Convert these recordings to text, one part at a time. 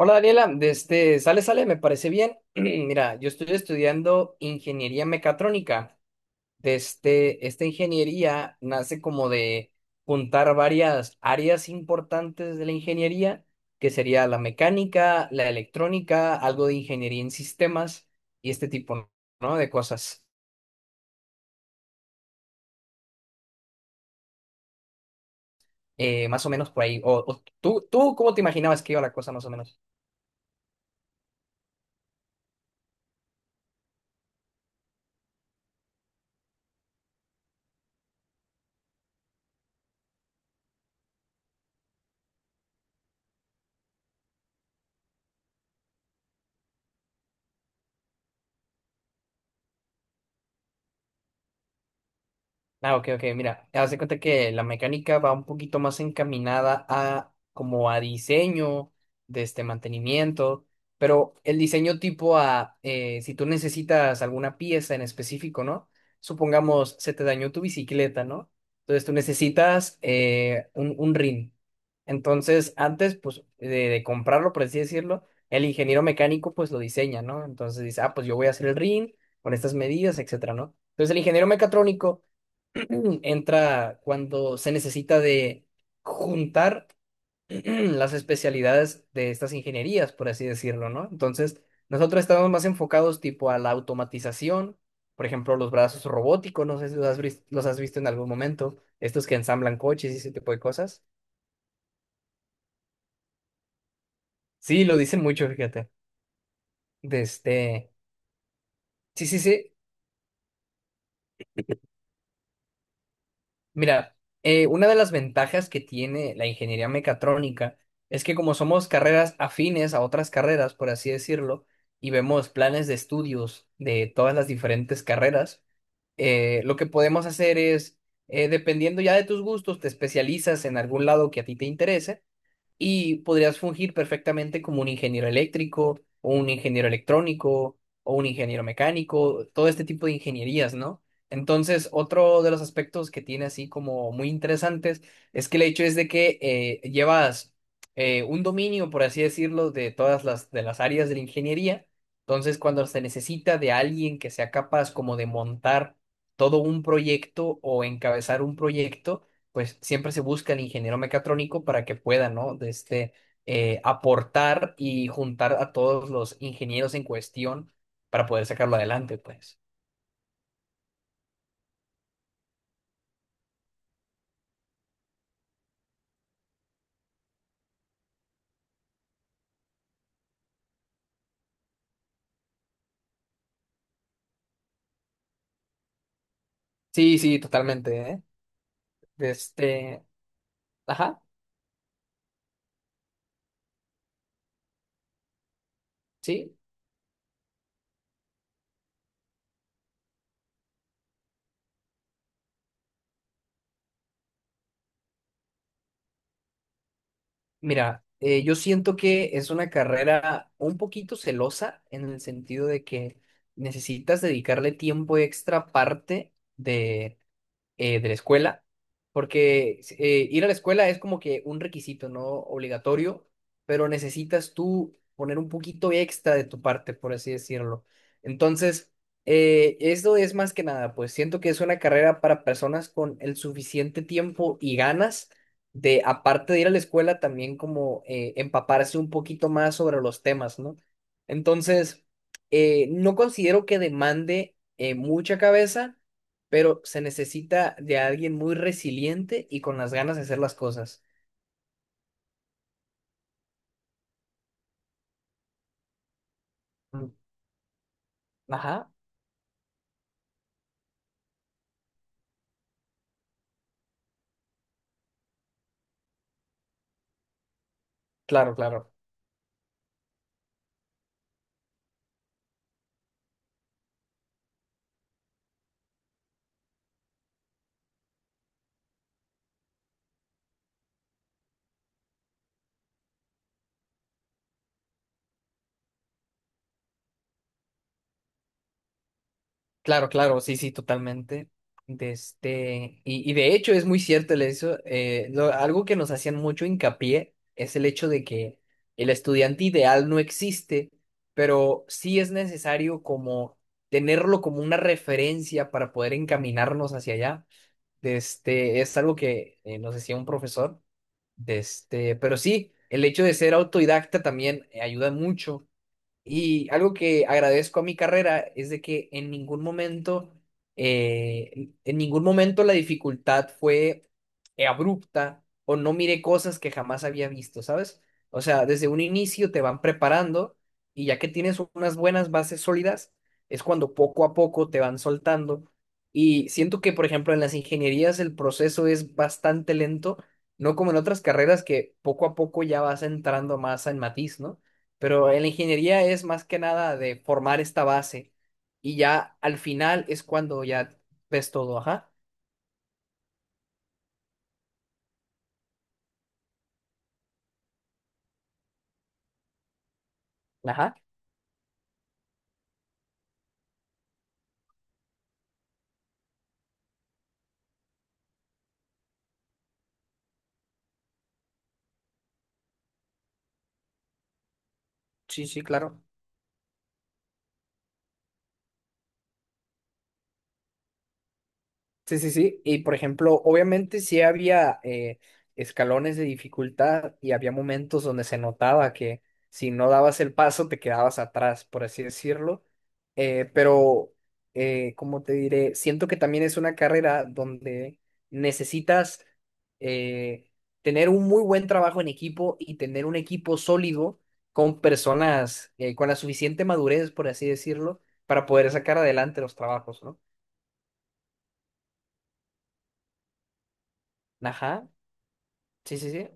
Hola Daniela, sale, sale, me parece bien. Mira, yo estoy estudiando ingeniería mecatrónica. Esta ingeniería nace como de juntar varias áreas importantes de la ingeniería, que sería la mecánica, la electrónica, algo de ingeniería en sistemas y este tipo, ¿no? de cosas. Más o menos por ahí. O, ¿tú cómo te imaginabas que iba la cosa más o menos? Ah, ok, ok, mira, haz de cuenta que la mecánica va un poquito más encaminada a como a diseño de este mantenimiento, pero el diseño tipo a si tú necesitas alguna pieza en específico, ¿no? Supongamos se te dañó tu bicicleta, ¿no? Entonces tú necesitas un rin. Entonces, antes, pues, de comprarlo, por así decirlo, el ingeniero mecánico, pues, lo diseña, ¿no? Entonces dice, ah, pues yo voy a hacer el rin con estas medidas, etcétera, ¿no? Entonces, el ingeniero mecatrónico entra cuando se necesita de juntar las especialidades de estas ingenierías, por así decirlo, ¿no? Entonces, nosotros estamos más enfocados tipo a la automatización, por ejemplo, los brazos robóticos, no sé si los has visto en algún momento, estos que ensamblan coches y ese tipo de cosas. Sí, lo dicen mucho, fíjate. De este... Sí, sí, sí. Mira, una de las ventajas que tiene la ingeniería mecatrónica es que como somos carreras afines a otras carreras, por así decirlo, y vemos planes de estudios de todas las diferentes carreras, lo que podemos hacer es, dependiendo ya de tus gustos, te especializas en algún lado que a ti te interese y podrías fungir perfectamente como un ingeniero eléctrico o un ingeniero electrónico o un ingeniero mecánico, todo este tipo de ingenierías, ¿no? Entonces, otro de los aspectos que tiene así como muy interesantes es que el hecho es de que llevas un dominio, por así decirlo, de las áreas de la ingeniería. Entonces, cuando se necesita de alguien que sea capaz como de montar todo un proyecto o encabezar un proyecto, pues siempre se busca el ingeniero mecatrónico para que pueda, ¿no? Aportar y juntar a todos los ingenieros en cuestión para poder sacarlo adelante, pues. Sí, sí, totalmente, ¿eh? De este, ajá, sí. Mira, yo siento que es una carrera un poquito celosa en el sentido de que necesitas dedicarle tiempo extra aparte de la escuela, porque ir a la escuela es como que un requisito, ¿no? Obligatorio, pero necesitas tú poner un poquito extra de tu parte, por así decirlo. Entonces, esto es más que nada, pues siento que es una carrera para personas con el suficiente tiempo y ganas de, aparte de ir a la escuela, también como empaparse un poquito más sobre los temas, ¿no? Entonces, no considero que demande mucha cabeza, pero se necesita de alguien muy resiliente y con las ganas de hacer las cosas. Mm, ajá, claro, claro, claro, claro, sí, sí, totalmente. Y de hecho es muy cierto el eso, algo que nos hacían mucho hincapié es el hecho de que el estudiante ideal no existe, pero sí es necesario como tenerlo como una referencia para poder encaminarnos hacia allá. Es algo que nos decía un profesor. Pero sí, el hecho de ser autodidacta también ayuda mucho. Y algo que agradezco a mi carrera es de que en ningún momento la dificultad fue abrupta o no miré cosas que jamás había visto, ¿sabes? O sea, desde un inicio te van preparando y ya que tienes unas buenas bases sólidas, es cuando poco a poco te van soltando. Y siento que, por ejemplo, en las ingenierías el proceso es bastante lento, no como en otras carreras que poco a poco ya vas entrando más en matiz, ¿no? Pero en la ingeniería es más que nada de formar esta base y ya al final es cuando ya ves todo, ajá, ajá, sí, sí, claro. Sí, sí, sí. Y por ejemplo, obviamente sí había escalones de dificultad y había momentos donde se notaba que si no dabas el paso te quedabas atrás, por así decirlo. Eh, pero, ¿Cómo te diré? Siento que también es una carrera donde necesitas eh, tener un muy buen trabajo en equipo y tener un equipo sólido con personas con la suficiente madurez, por así decirlo, para poder sacar adelante los trabajos, ¿no? Ajá. Sí, sí, sí.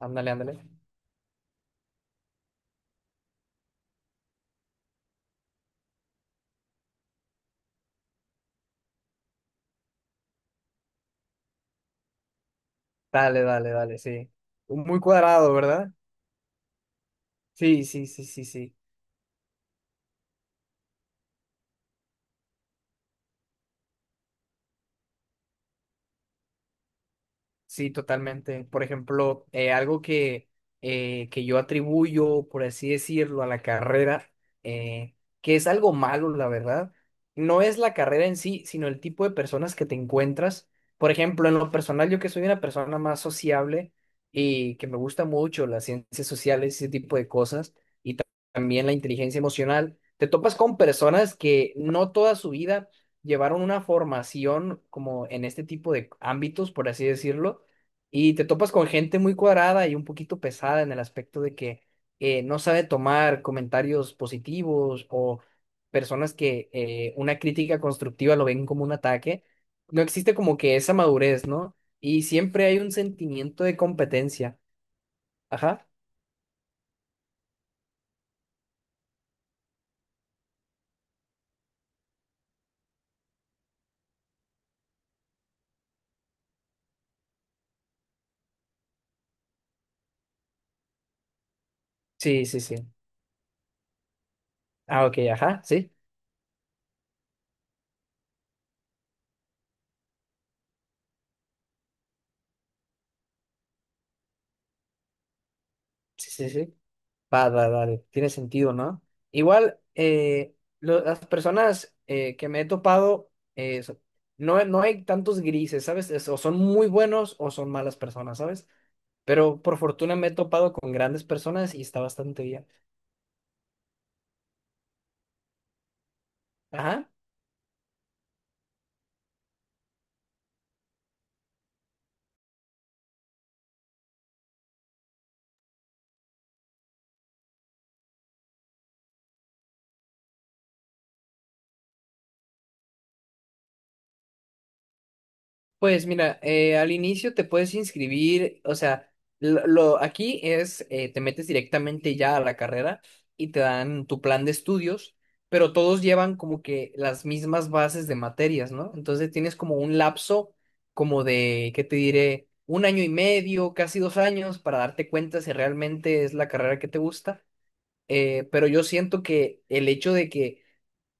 Ándale, ándale. Dale, dale, dale, sí. Muy cuadrado, ¿verdad? Sí, sí, sí, sí, sí. Sí, totalmente. Por ejemplo, algo que yo atribuyo, por así decirlo, a la carrera, eh, que es algo malo, la verdad, no es la carrera en sí, sino el tipo de personas que te encuentras. Por ejemplo, en lo personal, yo que soy una persona más sociable y que me gusta mucho las ciencias sociales y ese tipo de cosas, también la inteligencia emocional. Te topas con personas que no toda su vida llevaron una formación como en este tipo de ámbitos, por así decirlo, y te topas con gente muy cuadrada y un poquito pesada en el aspecto de que no sabe tomar comentarios positivos o personas que una crítica constructiva lo ven como un ataque. No existe como que esa madurez, ¿no? Y siempre hay un sentimiento de competencia. Ajá. Sí, sí, sí. Ah, ok, ajá, sí. Sí, sí, sí. Va, va, vale, tiene sentido, ¿no? Igual, las personas que me he topado, eh, so- no, no hay tantos grises, ¿sabes? O son muy buenos o son malas personas, ¿sabes? Pero por fortuna me he topado con grandes personas y está bastante bien. Ajá. Pues mira, al inicio te puedes inscribir, o sea, aquí es, te metes directamente ya a la carrera y te dan tu plan de estudios, pero todos llevan como que las mismas bases de materias, ¿no? Entonces tienes como un lapso como de, ¿qué te diré? Un año y medio, casi 2 años para darte cuenta si realmente es la carrera que te gusta. Pero yo siento que el hecho de que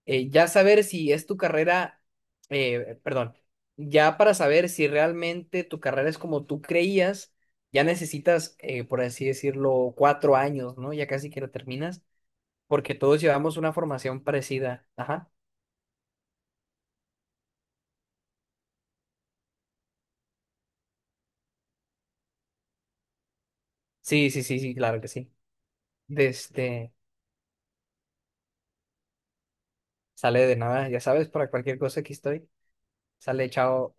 ya saber si es tu carrera, perdón, ya para saber si realmente tu carrera es como tú creías, ya necesitas, por así decirlo, 4 años, ¿no? Ya casi que lo terminas, porque todos llevamos una formación parecida. Ajá. Sí, sí, sí, sí, claro que sí. De este, sale de nada, ya sabes, para cualquier cosa aquí estoy. Sale, chao.